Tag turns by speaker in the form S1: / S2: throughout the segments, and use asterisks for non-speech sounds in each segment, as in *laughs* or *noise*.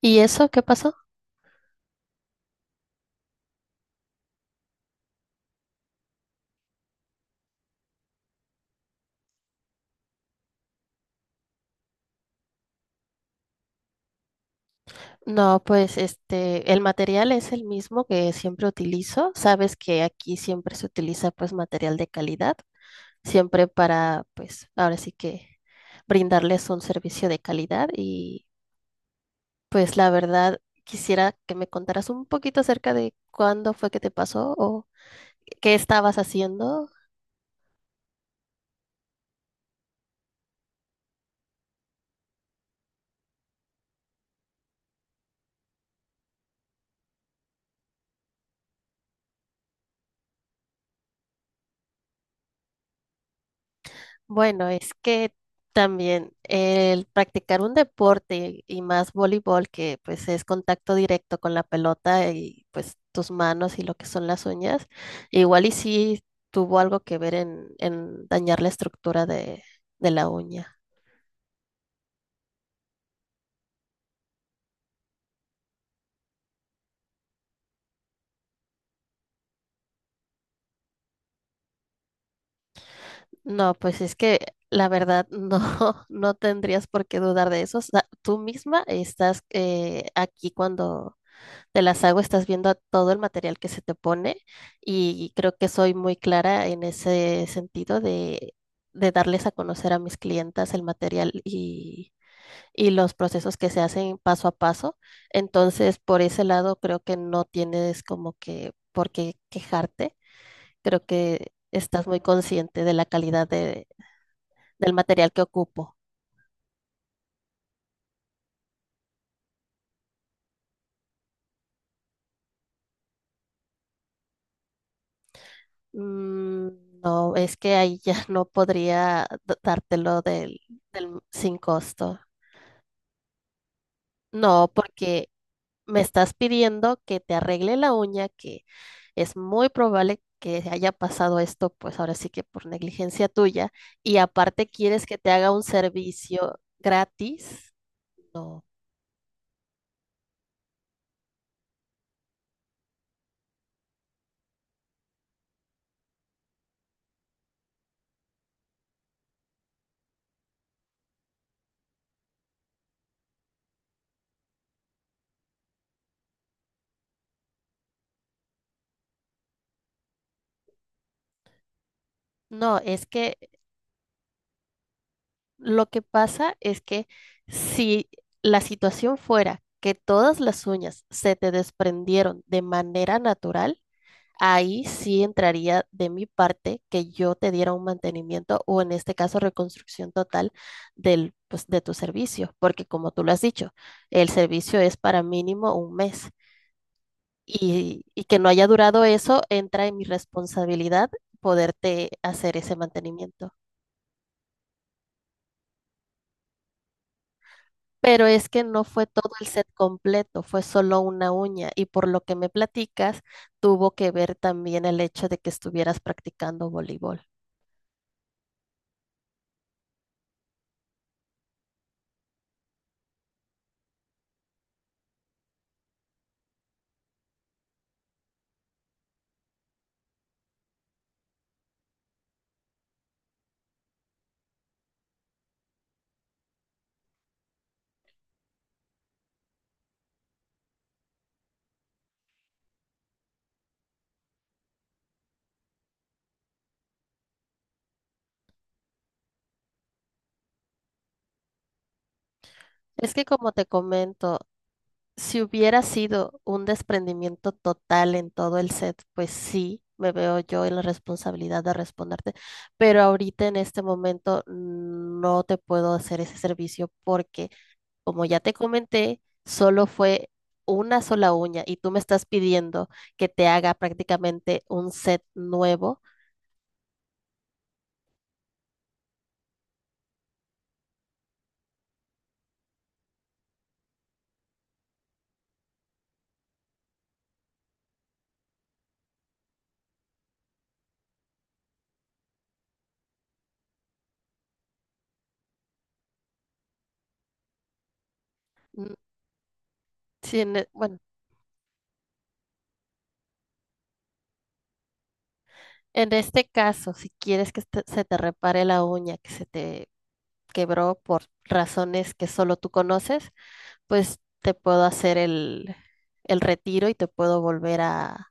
S1: ¿Y eso qué pasó? No, pues el material es el mismo que siempre utilizo. Sabes que aquí siempre se utiliza, pues, material de calidad, siempre para, pues, ahora sí que brindarles un servicio de calidad y pues la verdad quisiera que me contaras un poquito acerca de cuándo fue que te pasó o qué estabas haciendo. Bueno, es que también el practicar un deporte y más voleibol, que pues es contacto directo con la pelota y pues tus manos y lo que son las uñas, igual y sí tuvo algo que ver en dañar la estructura de la uña. No, pues es que la verdad no, *laughs* no tendrías por qué dudar de eso. O sea, tú misma estás aquí cuando te las hago, estás viendo todo el material que se te pone y creo que soy muy clara en ese sentido de darles a conocer a mis clientas el material y los procesos que se hacen paso a paso. Entonces, por ese lado, creo que no tienes como que por qué quejarte. Creo que estás muy consciente de la calidad de- del material que ocupo. No, es que ahí ya *laughs* no podría dártelo del, del- sin costo. No, porque me estás pidiendo que te arregle la uña, que es muy probable que haya pasado esto, pues ahora sí que por negligencia tuya, y aparte quieres que te haga un servicio gratis. No, no, es que lo que pasa es que si la situación fuera que todas las uñas se te desprendieron de manera natural, ahí sí entraría de mi parte que yo te diera un mantenimiento o en este caso reconstrucción total del, pues, de tu servicio, porque como tú lo has dicho, el servicio es para mínimo un mes y que no haya durado eso entra en mi responsabilidad poderte hacer ese mantenimiento. Pero es que no fue todo el set completo, fue solo una uña y por lo que me platicas, tuvo que ver también el hecho de que estuvieras practicando voleibol. Es que como te comento, si hubiera sido un desprendimiento total en todo el set, pues sí, me veo yo en la responsabilidad de responderte, pero ahorita en este momento no te puedo hacer ese servicio porque, como ya te comenté, solo fue una sola uña y tú me estás pidiendo que te haga prácticamente un set nuevo. Mm, si en e- bueno, en este caso, si quieres que este- se te repare la uña que se te quebró por razones que solo tú conoces, pues te puedo hacer el retiro y te puedo volver a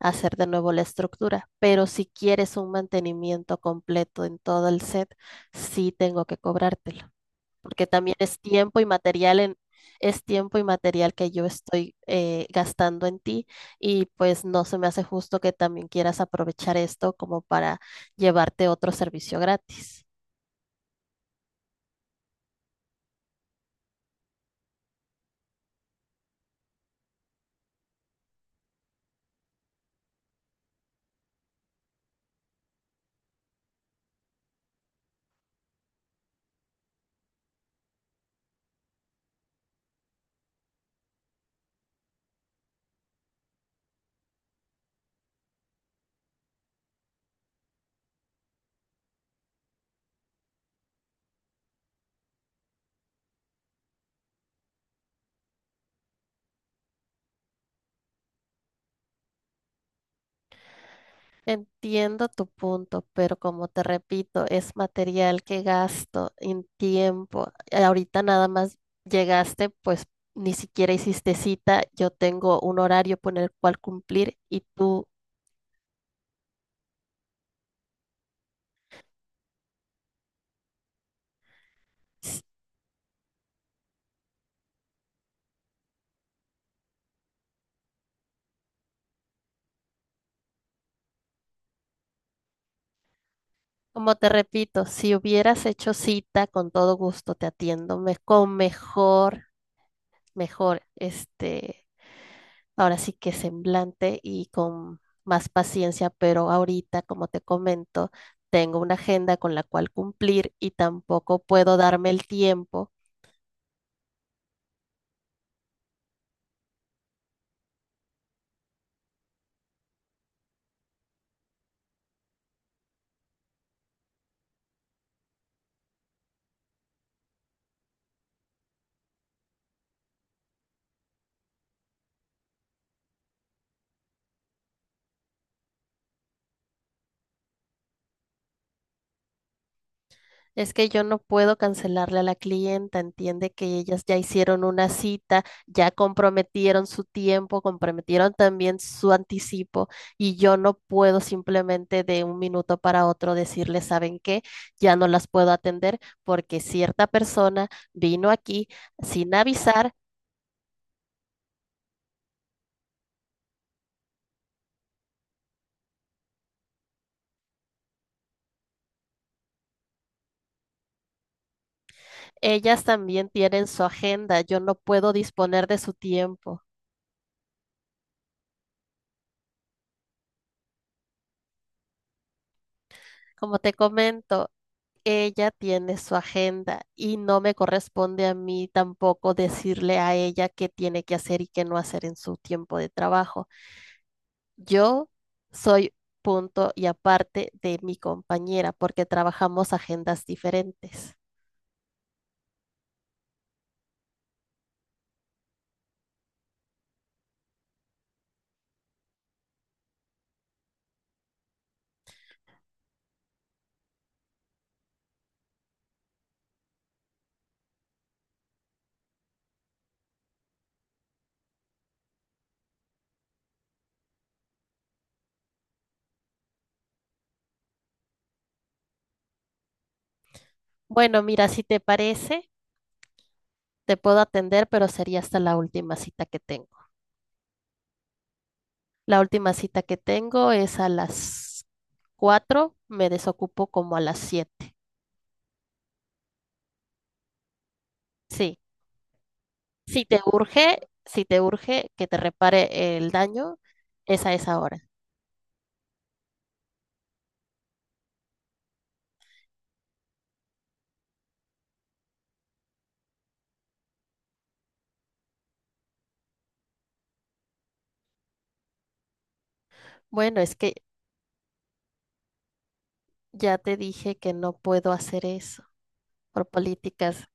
S1: hacer de nuevo la estructura. Pero si quieres un mantenimiento completo en todo el set, sí tengo que cobrártelo. Porque también es tiempo y material en, es tiempo y material que yo estoy gastando en ti y pues no se me hace justo que también quieras aprovechar esto como para llevarte otro servicio gratis. Entiendo tu punto, pero como te repito, es material que gasto en tiempo. Ahorita nada más llegaste, pues ni siquiera hiciste cita, yo tengo un horario por el cual cumplir y tú... Como te repito, si hubieras hecho cita, con todo gusto te atiendo con mejor, mejor, ahora sí que semblante y con más paciencia, pero ahorita, como te comento, tengo una agenda con la cual cumplir y tampoco puedo darme el tiempo. Es que yo no puedo cancelarle a la clienta, entiende que ellas ya hicieron una cita, ya comprometieron su tiempo, comprometieron también su anticipo y yo no puedo simplemente de un minuto para otro decirle, ¿saben qué? Ya no las puedo atender porque cierta persona vino aquí sin avisar, ellas también tienen su agenda, yo no puedo disponer de su tiempo. Como te comento, ella tiene su agenda y no me corresponde a mí tampoco decirle a ella qué tiene que hacer y qué no hacer en su tiempo de trabajo. Yo soy punto y aparte de mi compañera porque trabajamos agendas diferentes. Bueno, mira, si te parece, te puedo atender, pero sería hasta la última cita que tengo. La última cita que tengo es a las 4. Me desocupo como a las 7. Sí, si te urge, si te urge que te repare el daño, es a esa hora. Bueno, es que ya te dije que no puedo hacer eso por políticas.